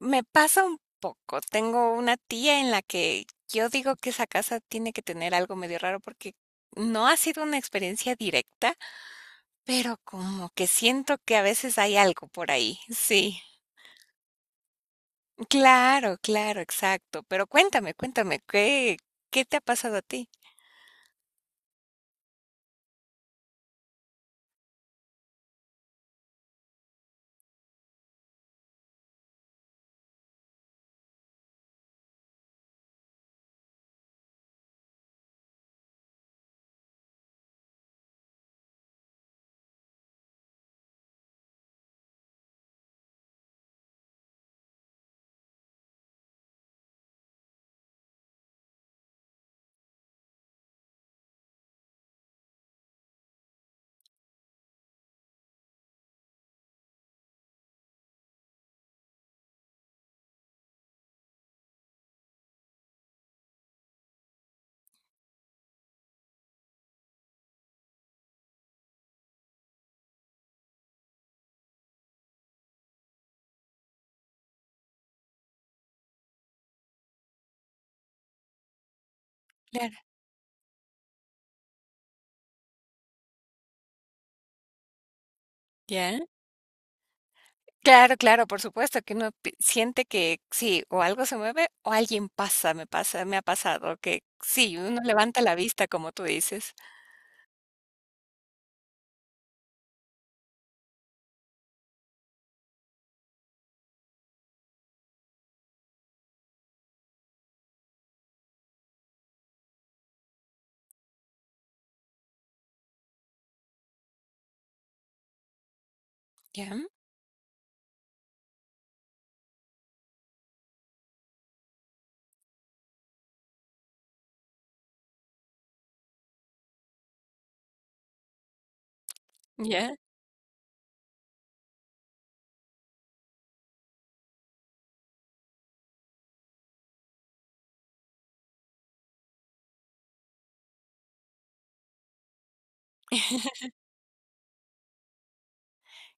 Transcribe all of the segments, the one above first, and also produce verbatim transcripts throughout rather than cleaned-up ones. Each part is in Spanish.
Me pasa un poco. Tengo una tía en la que yo digo que esa casa tiene que tener algo medio raro porque no ha sido una experiencia directa, pero como que siento que a veces hay algo por ahí. Sí. Claro, claro, exacto. Pero cuéntame, cuéntame, ¿qué, qué te ha pasado a ti? Claro. ¿Ya? Claro, claro, por supuesto que uno pi- siente que sí, o algo se mueve o alguien pasa, me pasa, me ha pasado que sí, uno levanta la vista, como tú dices. Ya, ya.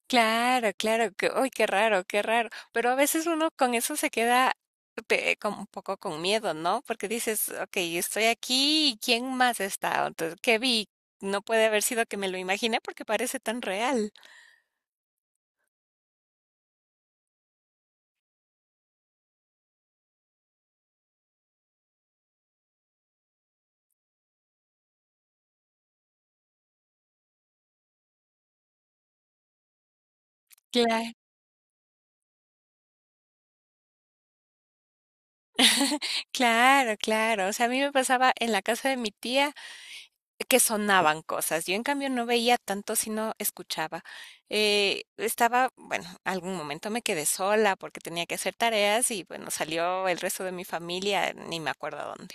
Claro, claro, que, uy, qué raro, qué raro. Pero a veces uno con eso se queda pe- como un poco con miedo, ¿no? Porque dices, ok, estoy aquí y ¿quién más está? Entonces, ¿qué vi? No puede haber sido que me lo imaginé porque parece tan real. Claro, claro, claro. O sea, a mí me pasaba en la casa de mi tía. Que sonaban cosas. Yo, en cambio, no veía tanto, sino escuchaba. Eh, estaba, bueno, algún momento me quedé sola porque tenía que hacer tareas y, bueno, salió el resto de mi familia, ni me acuerdo a dónde.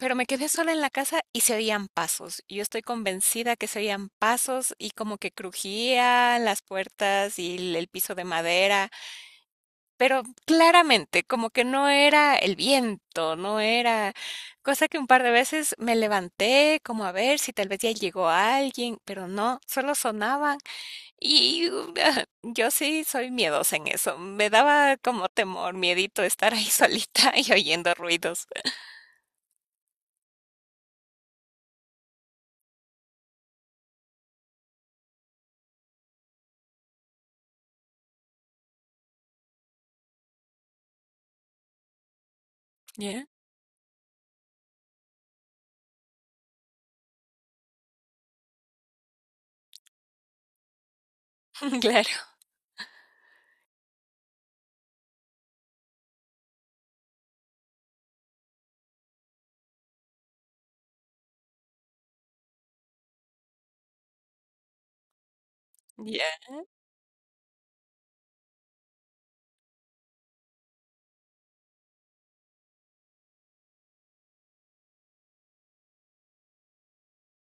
Pero me quedé sola en la casa y se oían pasos. Yo estoy convencida que se oían pasos y como que crujían las puertas y el el piso de madera. Pero claramente, como que no era el viento, no era cosa que un par de veces me levanté como a ver si tal vez ya llegó alguien, pero no, solo sonaban y uh, yo sí soy miedosa en eso, me daba como temor, miedito estar ahí solita y oyendo ruidos. Ya, claro, ya.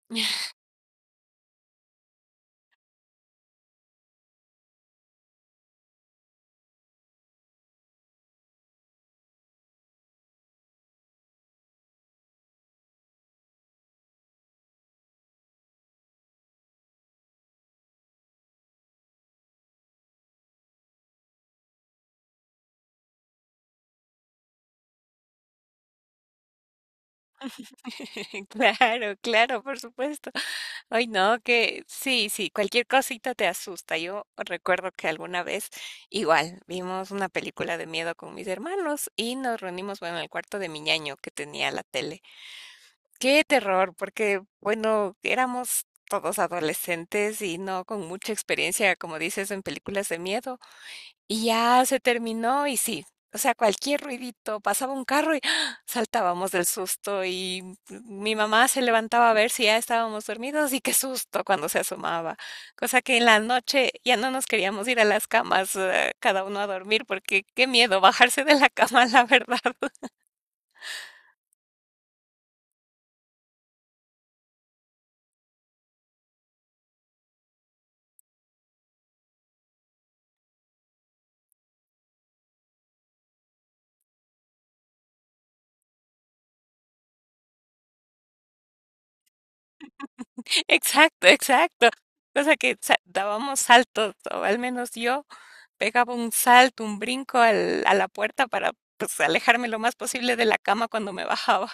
Claro, claro, por supuesto. Ay, no, que sí, sí, cualquier cosita te asusta. Yo recuerdo que alguna vez igual vimos una película de miedo con mis hermanos y nos reunimos, bueno, en el cuarto de mi ñaño que tenía la tele. Qué terror, porque, bueno, éramos todos adolescentes y no con mucha experiencia, como dices, en películas de miedo. Y ya se terminó y sí, o sea, cualquier ruidito, pasaba un carro y ¡ah! Saltábamos del susto y mi mamá se levantaba a ver si ya estábamos dormidos y qué susto cuando se asomaba. Cosa que en la noche ya no nos queríamos ir a las camas, eh, cada uno a dormir porque qué miedo bajarse de la cama, la verdad. Exacto, exacto. Cosa que sa- dábamos saltos, o al menos yo pegaba un salto, un brinco al- a la puerta para pues, alejarme lo más posible de la cama cuando me bajaba.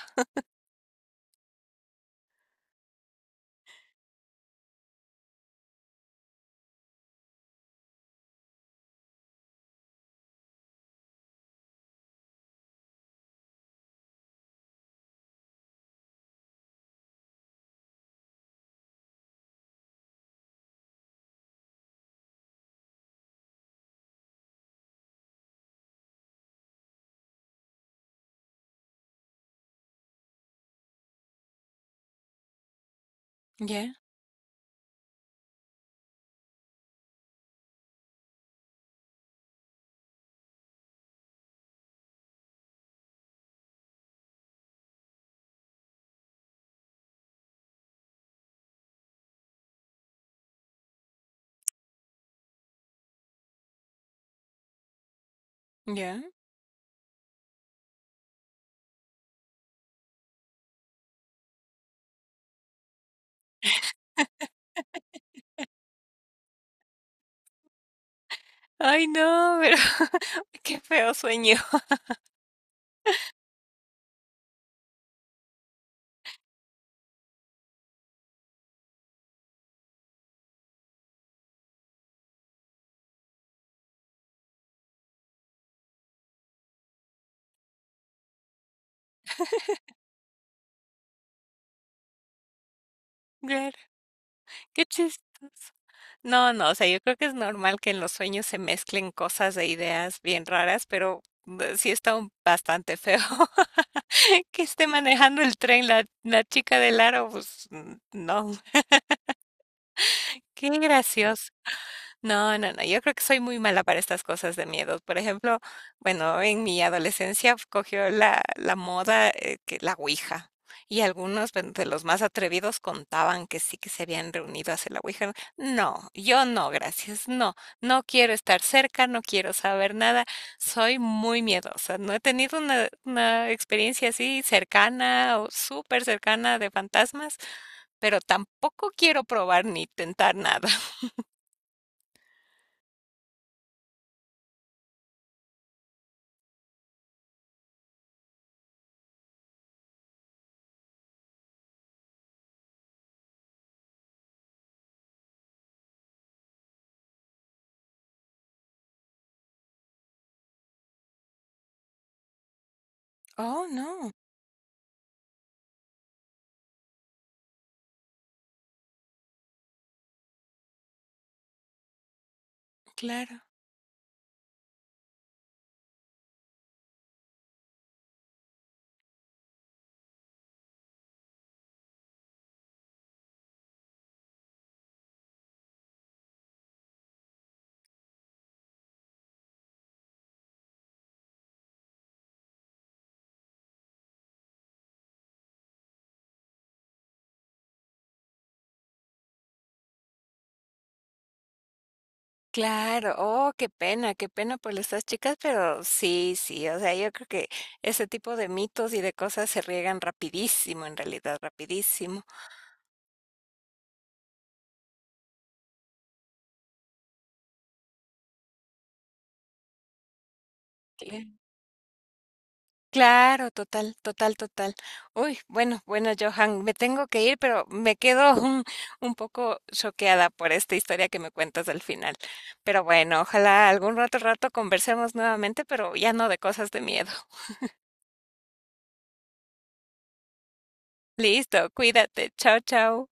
Ya, ya. Ay, no, pero qué feo sueño. Claro, qué chistoso. No, no, o sea, yo creo que es normal que en los sueños se mezclen cosas e ideas bien raras, pero eh, sí está un- bastante feo que esté manejando el tren la, la chica del aro, pues mm, no, qué gracioso. No, no, no, yo creo que soy muy mala para estas cosas de miedos. Por ejemplo, bueno, en mi adolescencia cogió la, la moda, eh, que la ouija. Y algunos pues, de los más atrevidos contaban que sí que se habían reunido a hacer la ouija. No, no, yo no, gracias. No, no quiero estar cerca, no quiero saber nada. Soy muy miedosa. No he tenido una, una experiencia así cercana o súper cercana de fantasmas, pero tampoco quiero probar ni tentar nada. Oh, no. Claro, claro. Oh, qué pena, qué pena por estas chicas, pero sí, sí, o sea, yo creo que ese tipo de mitos y de cosas se riegan rapidísimo, en realidad, rapidísimo. Cla- Claro, total, total, total. Uy, bueno, bueno, Johan, me tengo que ir, pero me quedo un, un poco choqueada por esta historia que me cuentas al final. Pero bueno, ojalá algún rato, rato conversemos nuevamente, pero ya no de cosas de miedo. Listo, cuídate. Chao, chao.